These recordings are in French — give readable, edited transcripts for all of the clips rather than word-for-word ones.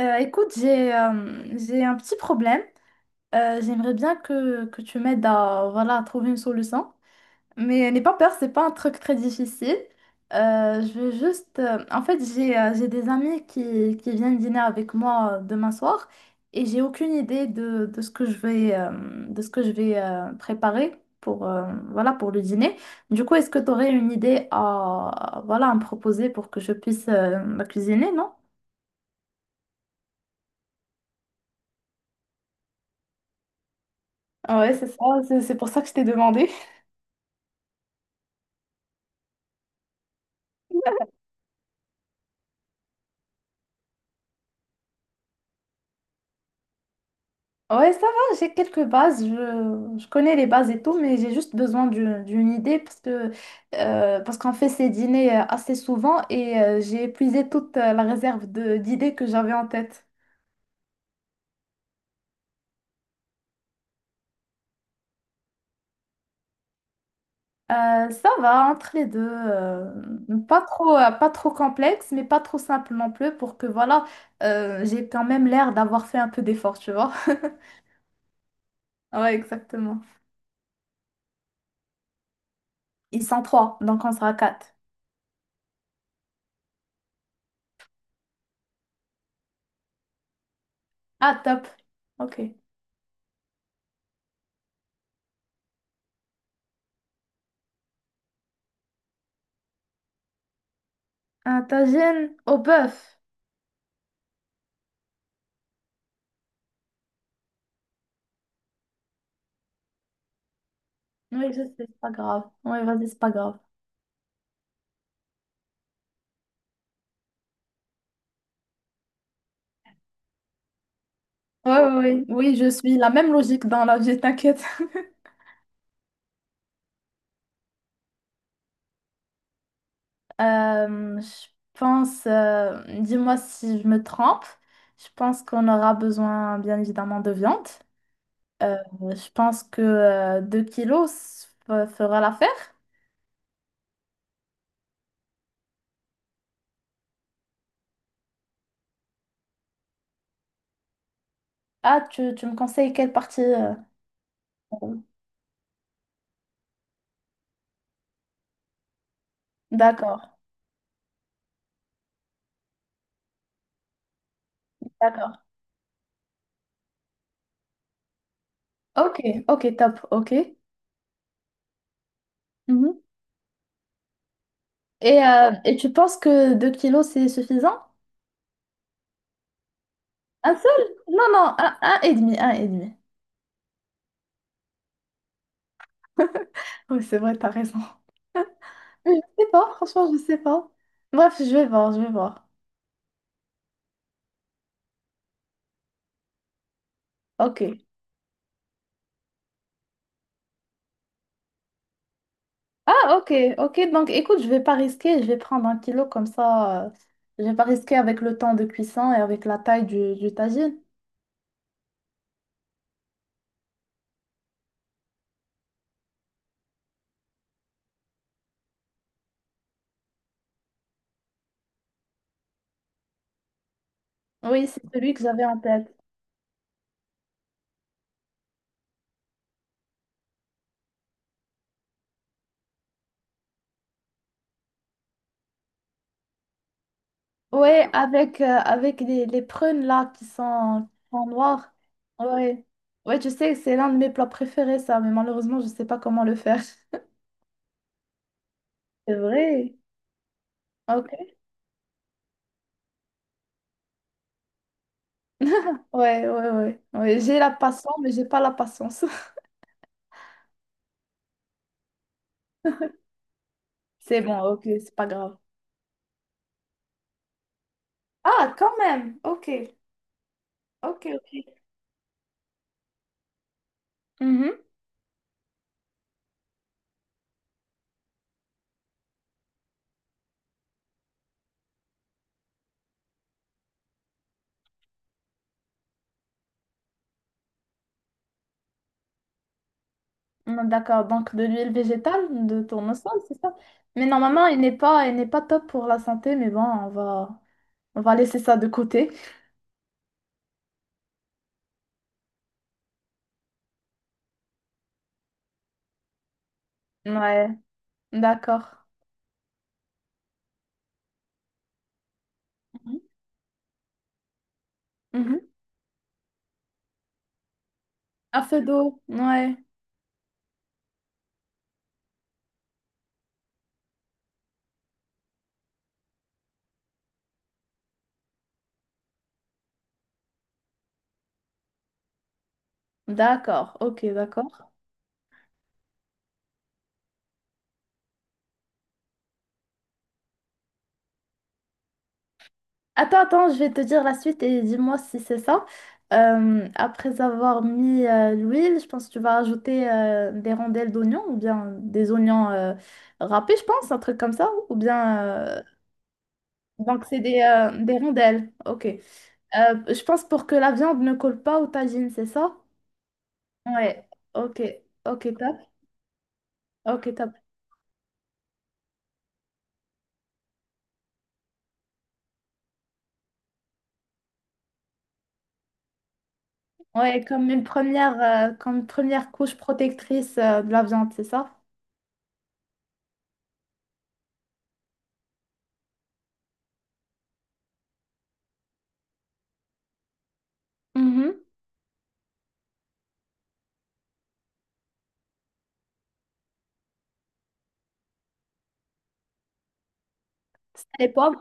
Écoute, j'ai un petit problème. J'aimerais bien que tu m'aides à trouver une solution. Mais n'aie pas peur, c'est pas un truc très difficile. Je veux juste en fait, j'ai des amis qui viennent dîner avec moi demain soir et j'ai aucune idée de ce que je vais préparer pour le dîner. Du coup, est-ce que tu aurais une idée à me proposer pour que je puisse la cuisiner, non? Ah, ouais, c'est ça, c'est pour ça que je t'ai demandé. Ouais, ça va, j'ai quelques bases, je connais les bases et tout, mais j'ai juste besoin d'une idée parce que, parce qu'on fait ces dîners assez souvent et j'ai épuisé toute la réserve d'idées que j'avais en tête. Ça va, entre les deux, pas trop pas trop complexe, mais pas trop simple non plus pour que, voilà, j'ai quand même l'air d'avoir fait un peu d'effort, tu vois. Ouais, exactement. Ils sont trois, donc on sera quatre. Ah, top. Ok. Ah, tagine au bœuf. Oui, je sais, c'est pas grave. Oui, vas-y, c'est pas grave. Oui, oui, oui, oui, je suis la même logique dans la vie, t'inquiète. Je pense, dis-moi si je me trompe, je pense qu'on aura besoin bien évidemment de viande. Euh, je pense que 2 kilos fera l'affaire. Ah, tu me conseilles quelle partie d'accord, d'accord. Ok, ok, top, ok. Mhm. Et tu penses que 2 kilos c'est suffisant? Un seul? Non, non, un et demi, un et demi. Oui, c'est vrai, t'as raison. Mais je sais pas, franchement, je sais pas. Bref, je vais voir, je vais voir. Ok. Ah, ok, ok. Donc, écoute, je vais pas risquer, je vais prendre un kilo comme ça. Je vais pas risquer avec le temps de cuisson et avec la taille du tagine. Oui, c'est celui que j'avais en tête. Oui, avec, avec les prunes là qui sont noires. Oui. Ouais, tu sais, c'est l'un de mes plats préférés, ça, mais malheureusement, je sais pas comment le faire. C'est vrai. Ok, ouais, ouais, ouais. Ouais, j'ai la passion, mais j'ai pas la patience. C'est bon, ok, c'est pas grave. Ah, quand même, ok, ok, ok. Mhm. Mm, d'accord, donc de l'huile végétale, de tournesol, c'est ça. Mais normalement, il n'est pas top pour la santé, mais bon, on va laisser ça de côté. Ouais, d'accord. Mhm. Mhm. À feu d'eau, ouais. D'accord, ok, d'accord. Attends, attends, je vais te dire la suite et dis-moi si c'est ça. Après avoir mis l'huile, je pense que tu vas ajouter des rondelles d'oignons ou bien des oignons râpés, je pense, un truc comme ça. Ou bien. Donc, c'est des rondelles. Ok. Je pense pour que la viande ne colle pas au tagine, c'est ça? Ouais. Ok. Ok, top. Ok, top. Ouais, comme une première couche protectrice de la viande, c'est ça? Mhm. C'est les poivres?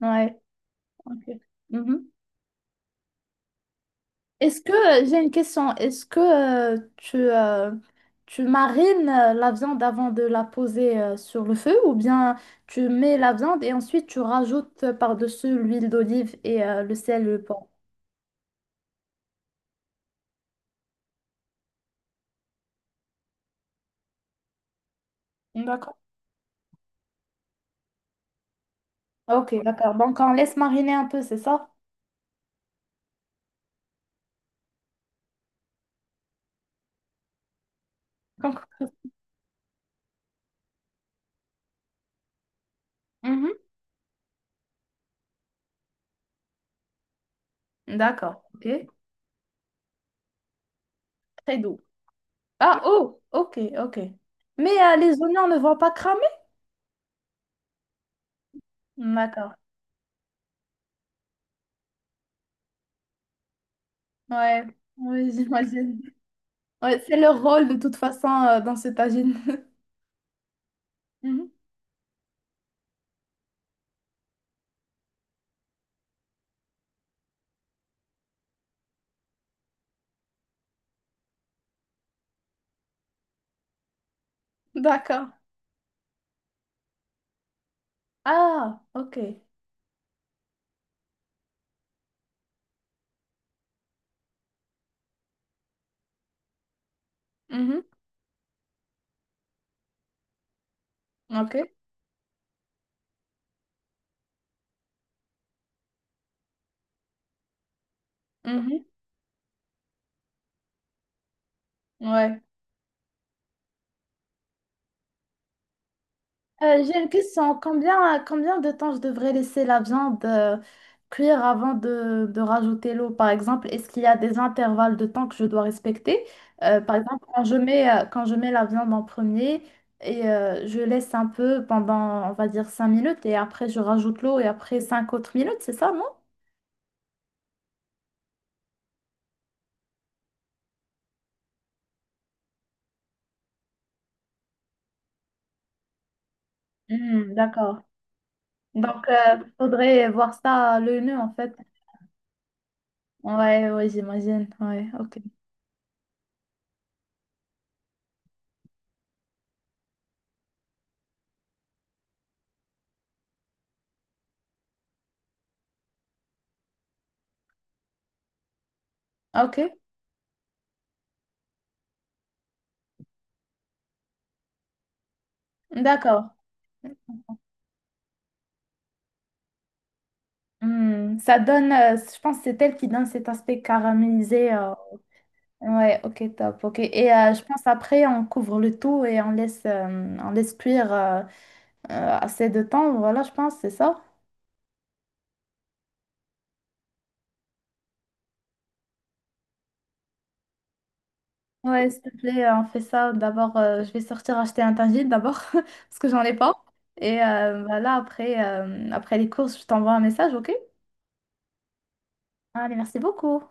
Ouais. Ok. Mhm. Est-ce que, j'ai une question, est-ce que tu marines la viande avant de la poser sur le feu ou bien tu mets la viande et ensuite tu rajoutes par-dessus l'huile d'olive et le sel, le poivre? D'accord. Ok, d'accord. Donc on laisse mariner un peu, c'est ça? Donc, mhm. D'accord. Ok. Très doux. Ah, oh, ok, ok. Mais les oignons ne vont pas cramer? D'accord. Ouais, oui, j'imagine. Ouais, c'est leur rôle de toute façon dans ce tagine. Mhm. D'accord. Ah, ok. Mhm. Ok. Mhm. Ouais. J'ai une question. Combien, combien de temps je devrais laisser la viande cuire avant de rajouter l'eau, par exemple? Est-ce qu'il y a des intervalles de temps que je dois respecter? Par exemple, quand je mets la viande en premier et je laisse un peu pendant, on va dire, 5 minutes et après je rajoute l'eau et après 5 autres minutes, c'est ça, non? Hmm, d'accord. Donc, faudrait voir ça à l'œil nu, en fait. Ouais, ouais, j'imagine. Ouais, ok. Ok, d'accord. Hmm, ça donne, je pense que c'est elle qui donne cet aspect caramélisé. Ouais, ok, top. Ok. Et je pense après, on couvre le tout et on laisse cuire assez de temps. Voilà, je pense, c'est ça. Ouais, s'il te plaît, on fait ça. D'abord, je vais sortir acheter un tagine d'abord, parce que j'en ai pas. Et voilà, après, après les courses, je t'envoie un message, ok? Allez, merci beaucoup.